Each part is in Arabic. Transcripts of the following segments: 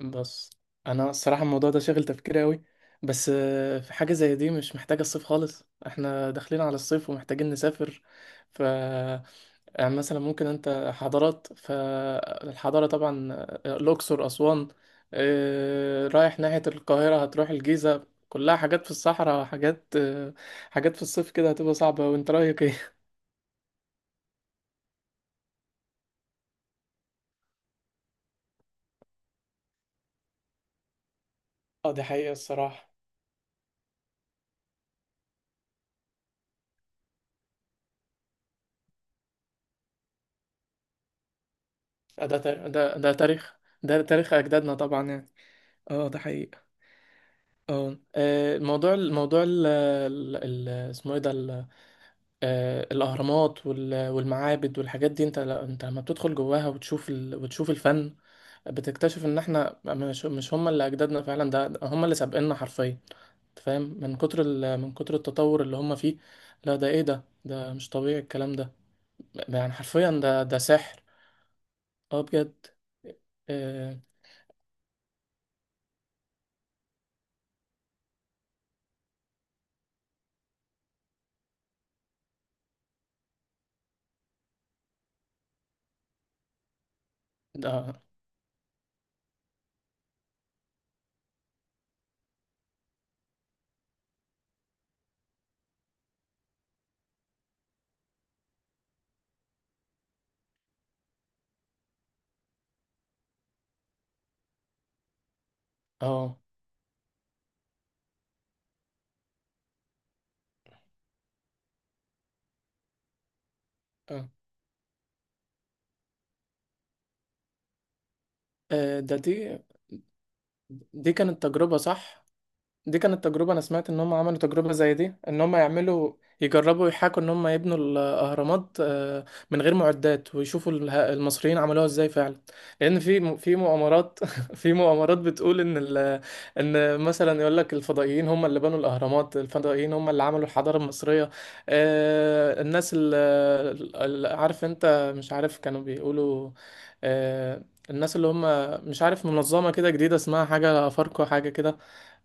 بس انا الصراحه الموضوع ده شاغل تفكيري قوي. بس في حاجه زي دي مش محتاجه الصيف خالص، احنا داخلين على الصيف ومحتاجين نسافر. ف يعني مثلا ممكن انت حضارات فالحضاره طبعا، الاقصر اسوان. رايح ناحيه القاهره، هتروح الجيزه كلها، حاجات في الصحراء، حاجات حاجات في الصيف كده هتبقى صعبه، وانت رايك ايه؟ اه، دي حقيقه الصراحه. ده تاريخ، ده تاريخ اجدادنا طبعا يعني، اه ده حقيقي. اه الموضوع الموضوع ال ال- ال- اسمه ايه ده ال- الاهرامات والمعابد والحاجات دي، انت انت لما بتدخل جواها وتشوف وتشوف الفن. بتكتشف ان احنا مش هم اللي اجدادنا فعلا، ده هم اللي سابقنا حرفيا. أنت فاهم، من كتر من كتر التطور اللي هم فيه. لا، ده ايه ده، ده مش طبيعي الكلام ده. يعني حرفيا ده سحر. اه بجد. آه، ده اه آه. آه، ده دي دي كانت تجربة، صح؟ دي كانت تجربة، أنا سمعت إن هم عملوا تجربة زي دي إن هم يعملوا يجربوا يحاكوا إن هم يبنوا الأهرامات من غير معدات، ويشوفوا المصريين عملوها إزاي فعلا. لأن في في مؤامرات في مؤامرات بتقول إن إن مثلا يقول لك الفضائيين هم اللي بنوا الأهرامات، الفضائيين هم اللي عملوا الحضارة المصرية. الناس اللي عارف أنت مش عارف كانوا بيقولوا، آه، الناس اللي هم مش عارف منظمة كده جديدة اسمها حاجة أفاركو حاجة كده.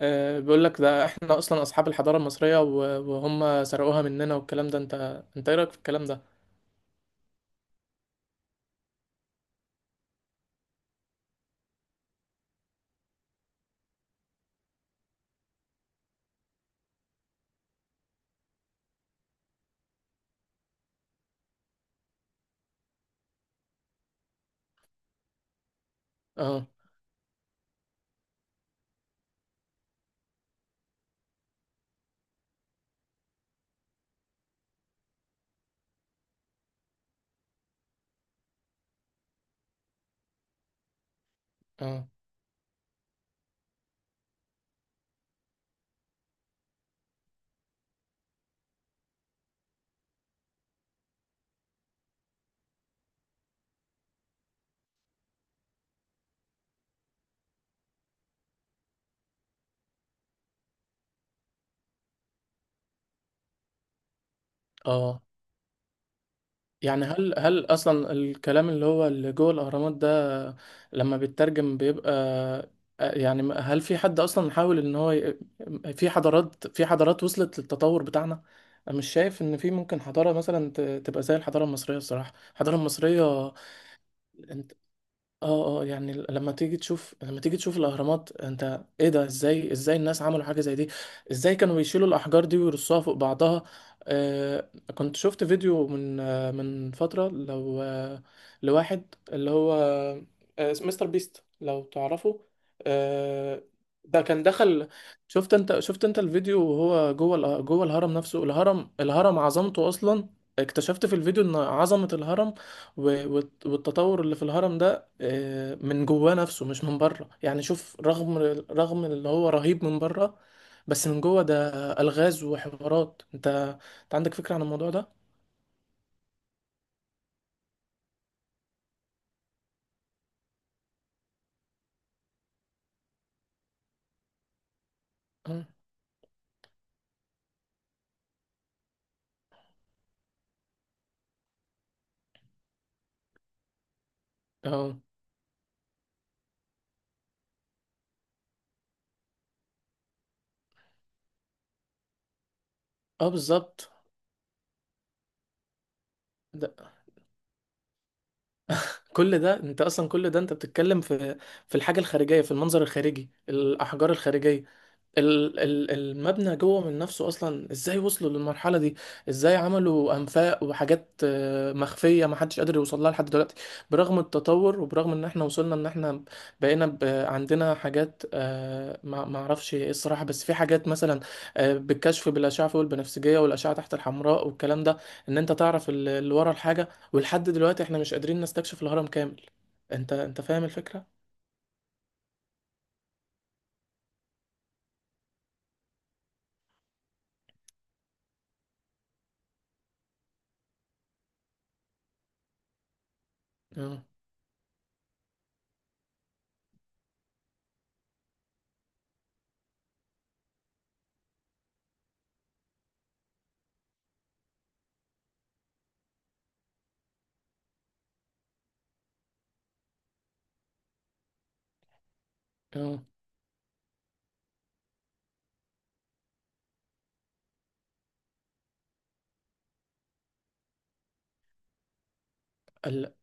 بيقول لك ده احنا اصلا اصحاب الحضاره المصريه وهم سرقوها مننا والكلام ده، انت ايه رايك في الكلام ده؟ اه اه، اه يعني هل اصلا الكلام اللي هو اللي جوه الاهرامات ده لما بيترجم بيبقى يعني هل في حد اصلا حاول ان هو في حضارات، في حضارات وصلت للتطور بتاعنا. أنا مش شايف ان في ممكن حضاره مثلا تبقى زي الحضاره المصريه، الصراحه الحضاره المصريه. اه اه، يعني لما تيجي تشوف، لما تيجي تشوف الاهرامات، انت ايه ده، ازاي، ازاي الناس عملوا حاجه زي دي، ازاي كانوا بيشيلوا الاحجار دي ويرصوها فوق بعضها. آه كنت شفت فيديو من من فتره، لو لواحد اللي هو مستر بيست، لو تعرفه. آه، ده كان دخل، شفت انت، شفت انت الفيديو وهو جوه جوه الهرم نفسه، الهرم عظمته اصلا. اكتشفت في الفيديو ان عظمه الهرم والتطور اللي في الهرم ده من جواه نفسه مش من بره، يعني شوف، رغم اللي هو رهيب من بره، بس من جوه ده ألغاز وحوارات، انت عندك فكرة عن الموضوع ده؟ اه اه، بالظبط. كل ده انت اصلا، كل ده انت بتتكلم في الحاجه الخارجيه، في المنظر الخارجي الاحجار الخارجيه، المبنى جوه من نفسه، اصلا ازاي وصلوا للمرحله دي، ازاي عملوا انفاق وحاجات مخفيه، ما حدش قادر يوصل لها لحد دلوقتي. برغم التطور وبرغم ان احنا وصلنا ان احنا بقينا عندنا حاجات ما اعرفش ايه الصراحه، بس في حاجات مثلا بالكشف بالاشعه فوق البنفسجيه والاشعه تحت الحمراء والكلام ده، ان انت تعرف اللي ورا الحاجه، ولحد دلوقتي احنا مش قادرين نستكشف الهرم كامل، انت فاهم الفكرة؟ اه اه، ال...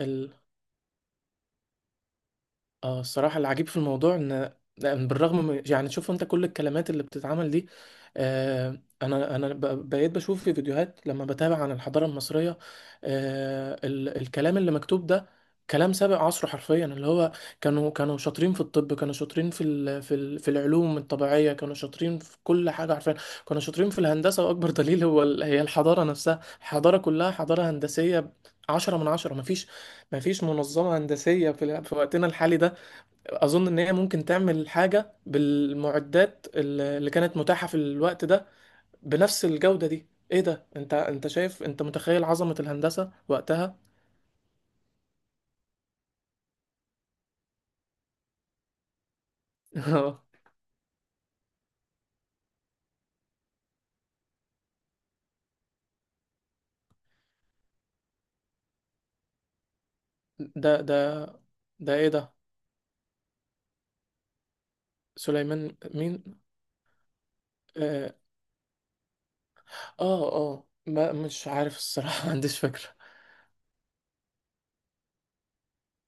ال... اه الصراحة العجيب في الموضوع ان، لأن بالرغم من، يعني شوف انت كل الكلمات اللي بتتعمل دي. آه انا بقيت بشوف في فيديوهات لما بتابع عن الحضارة المصرية، الكلام اللي مكتوب ده، كلام سابق عصره حرفيا، اللي هو كانوا شاطرين في الطب، كانوا شاطرين في العلوم الطبيعية، كانوا شاطرين في كل حاجة حرفيا، كانوا شاطرين في الهندسة، واكبر دليل هو هي الحضارة نفسها، الحضارة كلها حضارة هندسية، 10 من 10. مفيش منظمة هندسية في, في وقتنا الحالي ده اظن ان هي ممكن تعمل حاجه بالمعدات اللي كانت متاحه في الوقت ده بنفس الجوده دي، ايه ده، انت شايف، انت متخيل عظمه الهندسه وقتها؟ ده ده ده ايه ده، سليمان مين؟ اه اه ما مش عارف الصراحه ما عنديش فكره.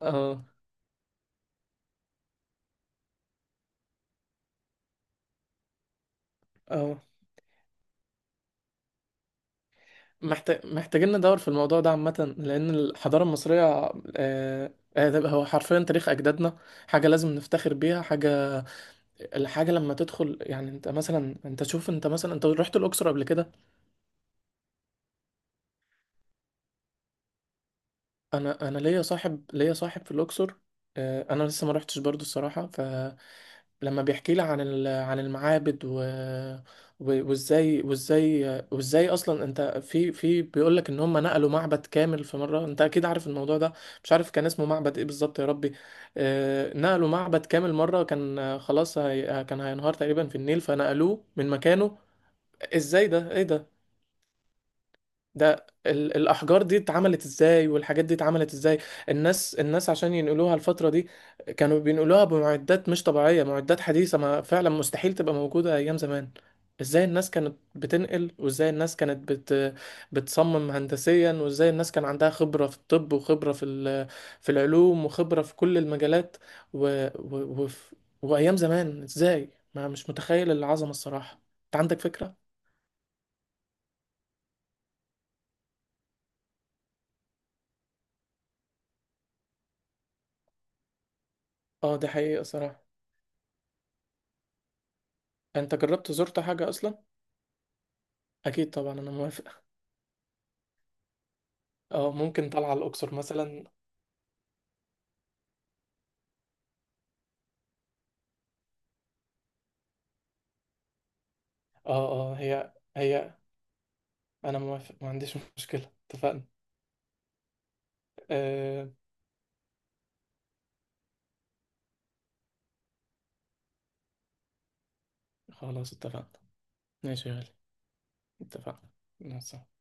اه اه، محتاجين ندور في الموضوع ده عامه، لان الحضاره المصريه ده هو حرفيا تاريخ اجدادنا، حاجه لازم نفتخر بيها، حاجه الحاجة لما تدخل، يعني انت مثلا، انت شوف انت مثلا انت رحت الأقصر قبل كده؟ انا ليا صاحب في الأقصر، انا لسه ما رحتش برضو الصراحة، فلما بيحكي لي عن عن المعابد و- وازاي وازاي وازاي اصلا انت في بيقول لك ان هم نقلوا معبد كامل في مرة، انت اكيد عارف الموضوع ده، مش عارف كان اسمه معبد ايه بالظبط يا ربي. نقلوا معبد كامل مرة، كان خلاص كان هينهار تقريبا في النيل فنقلوه من مكانه، ازاي ده، ايه ده، الأحجار دي اتعملت ازاي، والحاجات دي اتعملت ازاي، الناس عشان ينقلوها الفترة دي كانوا بينقلوها بمعدات مش طبيعية، معدات حديثة ما فعلا مستحيل تبقى موجودة أيام زمان. ازاي الناس كانت بتنقل، وازاي الناس كانت بتصمم هندسيا، وازاي الناس كان عندها خبرة في الطب وخبرة في في العلوم وخبرة في كل المجالات، و... و... وف... وأيام زمان ازاي، ما مش متخيل العظمة الصراحة، انت عندك فكرة؟ اه، دي حقيقة صراحة، انت جربت زرت حاجة اصلا؟ اكيد طبعا، انا موافق، اه ممكن طالعه على الاقصر مثلا. اه اه، هي هي انا موافق ما عنديش مشكله، اتفقنا، آه خلاص اتفقنا، ماشي يا غالي، اتفقنا. مع السلامة.